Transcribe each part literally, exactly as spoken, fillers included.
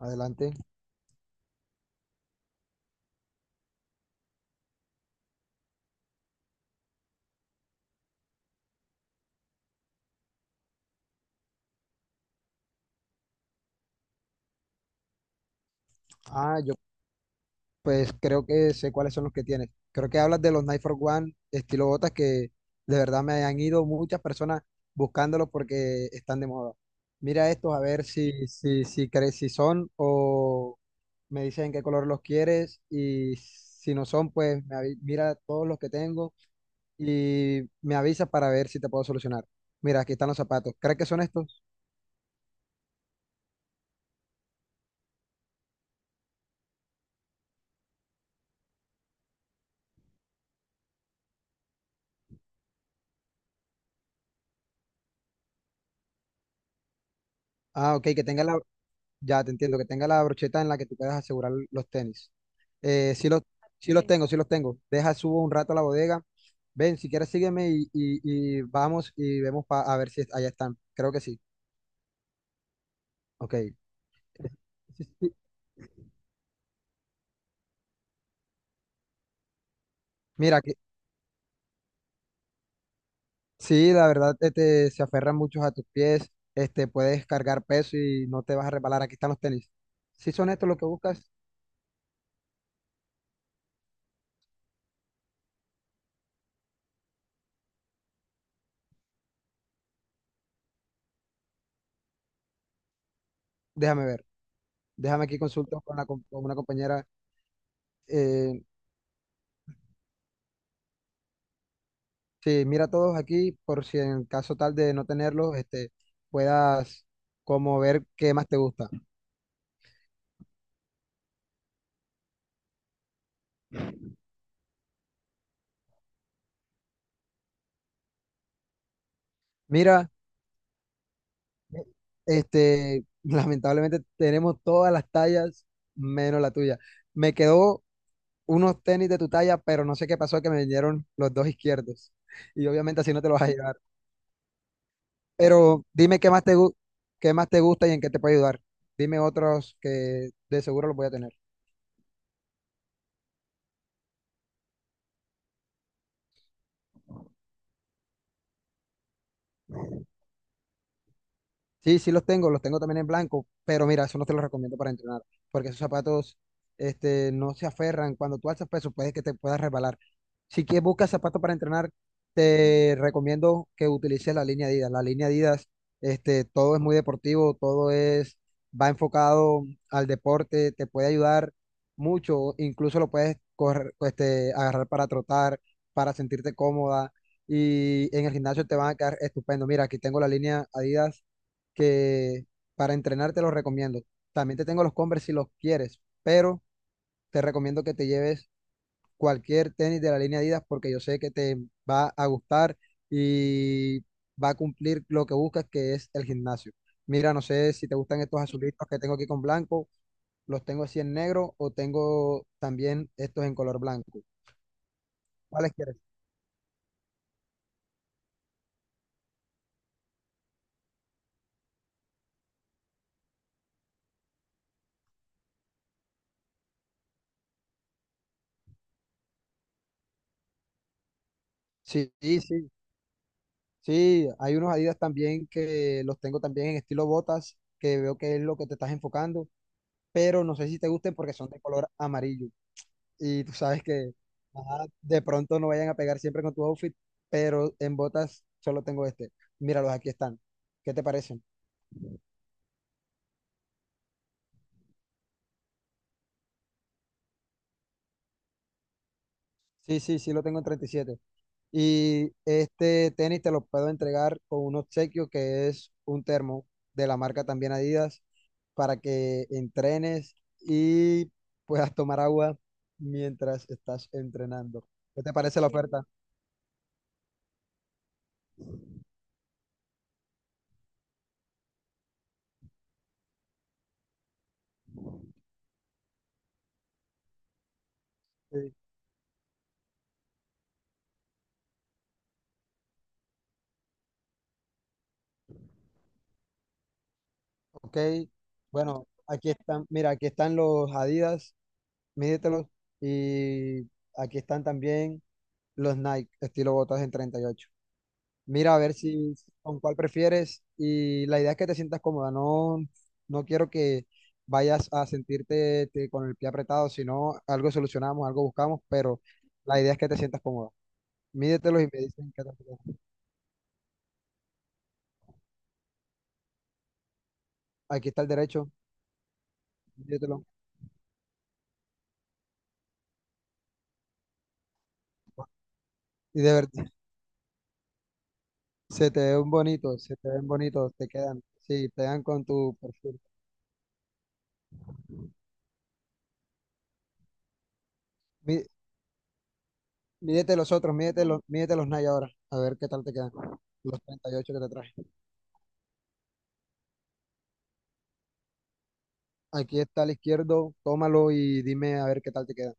Adelante. Ah, yo pues creo que sé cuáles son los que tienes. Creo que hablas de los Night for One estilo botas que de verdad me han ido muchas personas buscándolos porque están de moda. Mira estos a ver si, si, si crees si son, o me dices en qué color los quieres, y si no son, pues me avi- mira todos los que tengo y me avisas para ver si te puedo solucionar. Mira, aquí están los zapatos. ¿Crees que son estos? Ah, ok, que tenga la, ya te entiendo, que tenga la brocheta en la que tú puedas asegurar los tenis. Eh, sí los, sí los Sí. tengo, sí los tengo. Deja, subo un rato a la bodega. Ven, si quieres sígueme y, y- y vamos y vemos pa- a ver si allá están. Creo que sí. Ok. Sí, mira, que sí, la verdad este, se aferran muchos a tus pies. Este, puedes cargar peso y no te vas a reparar. Aquí están los tenis. Si son estos los que buscas, déjame ver. Déjame, aquí consulto con, la com- con una compañera. eh, Sí, mira todos aquí por si en caso tal de no tenerlos, este, puedas como ver qué más te gusta. Mira, este, lamentablemente tenemos todas las tallas menos la tuya. Me quedó unos tenis de tu talla, pero no sé qué pasó que me vinieron los dos izquierdos. Y obviamente así no te los vas a llevar. Pero dime qué más te, gu- qué más te gusta y en qué te puede ayudar. Dime otros que de seguro los voy a tener. Sí, sí los tengo, los tengo también en blanco, pero mira, eso no te los recomiendo para entrenar, porque esos zapatos, este, no se aferran. Cuando tú alzas peso, puede que te puedas resbalar. Si quieres buscas zapatos para entrenar, te recomiendo que utilices la línea Adidas. La línea Adidas, este, todo es muy deportivo, todo es, va enfocado al deporte, te puede ayudar mucho, incluso lo puedes correr, este, agarrar para trotar, para sentirte cómoda, y en el gimnasio te van a quedar estupendo. Mira, aquí tengo la línea Adidas que para entrenar te los recomiendo. También te tengo los Converse si los quieres, pero te recomiendo que te lleves cualquier tenis de la línea Adidas porque yo sé que te va a gustar y va a cumplir lo que buscas, que es el gimnasio. Mira, no sé si te gustan estos azulitos que tengo aquí con blanco, los tengo así en negro o tengo también estos en color blanco. ¿Cuáles quieres? Sí, sí, sí. Sí, hay unos Adidas también que los tengo también en estilo botas, que veo que es lo que te estás enfocando. Pero no sé si te gusten porque son de color amarillo. Y tú sabes que, ajá, de pronto no vayan a pegar siempre con tu outfit, pero en botas solo tengo este. Míralos, aquí están. ¿Qué te parecen? Sí, sí, sí, lo tengo en treinta y siete. Y siete. Y este tenis te lo puedo entregar con un obsequio que es un termo de la marca también Adidas para que entrenes y puedas tomar agua mientras estás entrenando. ¿Qué te parece la oferta? Sí. Ok, bueno, aquí están, mira, aquí están los Adidas, mídetelos, y aquí están también los Nike, estilo botas en treinta y ocho. Mira, a ver si con cuál prefieres, y la idea es que te sientas cómoda. No, no quiero que vayas a sentirte te- con el pie apretado, sino algo solucionamos, algo buscamos, pero la idea es que te sientas cómoda. Mídetelos y me dicen qué tal te queda. Aquí está el derecho, mídetelo, y de verdad. Se te ven bonitos, se te ven bonitos, te quedan. Sí, te dan con tu perfil. Mí- Mídete los otros, mídete los, mídete los Nike ahora, a ver qué tal te quedan. Los treinta y ocho que te traje. Aquí está al izquierdo, tómalo y dime a ver qué tal te quedan.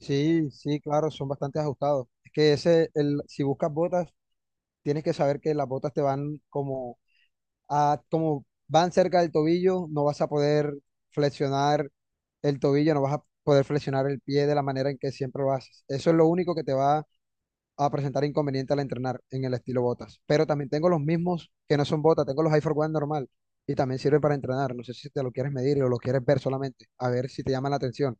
Sí, sí, claro, son bastante ajustados. Es que ese, el, si buscas botas, tienes que saber que las botas te van como, a, como van cerca del tobillo, no vas a poder flexionar el tobillo, no vas a poder flexionar el pie de la manera en que siempre lo haces. Eso es lo único que te va a presentar inconveniente al entrenar en el estilo botas. Pero también tengo los mismos que no son botas, tengo los High for One normal y también sirven para entrenar. No sé si te lo quieres medir o lo quieres ver solamente, a ver si te llama la atención.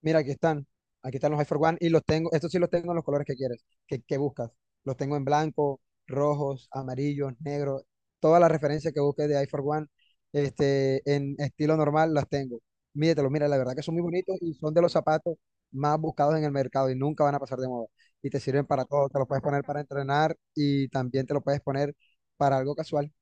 Mira, aquí están. Aquí están los iPhone One y los tengo, estos sí los tengo en los colores que quieres, que, que buscas. Los tengo en blanco, rojos, amarillos, negros. Todas las referencias que busques de iPhone One, este, en estilo normal las tengo. Mídetelos, mira, la verdad que son muy bonitos y son de los zapatos más buscados en el mercado y nunca van a pasar de moda. Y te sirven para todo, te los puedes poner para entrenar y también te lo puedes poner para algo casual.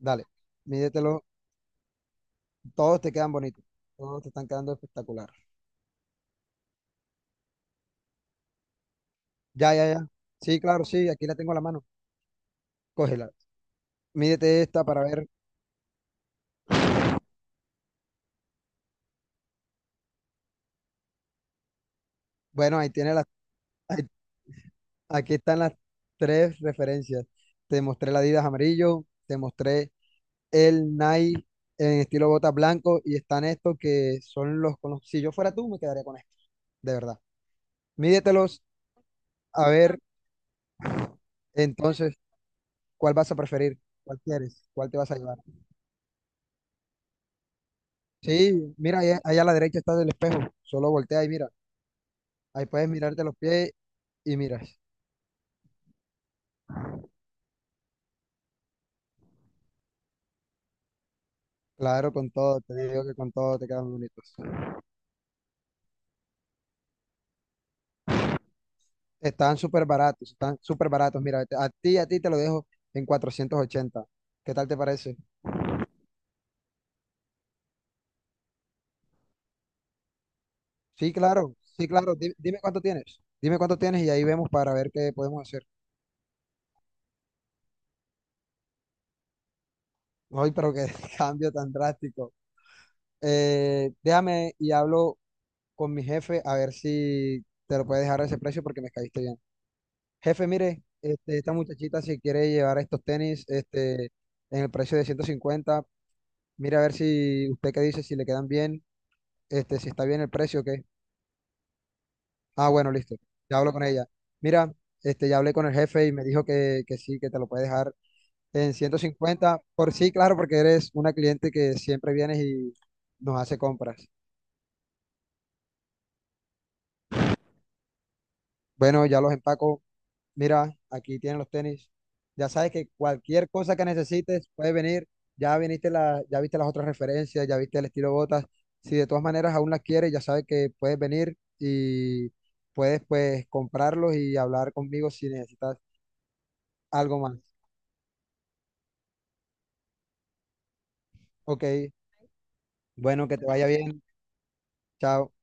Dale, mídetelo, todos te quedan bonitos, todos te están quedando espectaculares. Ya, ya, ya. Sí, claro, sí, aquí la tengo a la mano. Cógela. Mídete esta para ver. Bueno, ahí tiene las. ahí- Aquí están las tres referencias. Te mostré la Adidas amarillo, te mostré el Nike en estilo bota blanco y están estos que son los con los. Si yo fuera tú, me quedaría con estos, de verdad. Mídetelos a ver entonces cuál vas a preferir, cuál quieres, cuál te vas a llevar. Sí, mira, ahí- ahí a la derecha está el espejo. Solo voltea y mira. Ahí puedes mirarte los pies y miras. Claro, con todo, te digo que con todo te quedan bonitos. Están súper baratos, están súper baratos. Mira, te- a ti, a ti te lo dejo en cuatrocientos ochenta. ¿Qué tal te parece? Sí, claro, sí, claro. Di- Dime, cuánto tienes. Dime cuánto tienes y ahí vemos para ver qué podemos hacer. Ay, pero qué cambio tan drástico. Eh, déjame y hablo con mi jefe a ver si te lo puede dejar a ese precio porque me caíste bien. Jefe, mire, este, esta muchachita si quiere llevar estos tenis, este, en el precio de ciento cincuenta. Mira a ver si usted qué dice, si le quedan bien, este, si está bien el precio o qué. Ah, bueno, listo. Ya hablo con ella. Mira, este, ya hablé con el jefe y me dijo que, que sí, que te lo puede dejar en ciento cincuenta. Por sí, claro, porque eres una cliente que siempre vienes y nos hace compras. Bueno, ya los empaco. Mira, aquí tienen los tenis. Ya sabes que cualquier cosa que necesites puedes venir. Ya viniste la, ya viste las otras referencias, ya viste el estilo botas. Si de todas maneras aún las quieres, ya sabes que puedes venir y puedes pues comprarlos y hablar conmigo si necesitas algo más. Ok, bueno, que te vaya bien. Chao.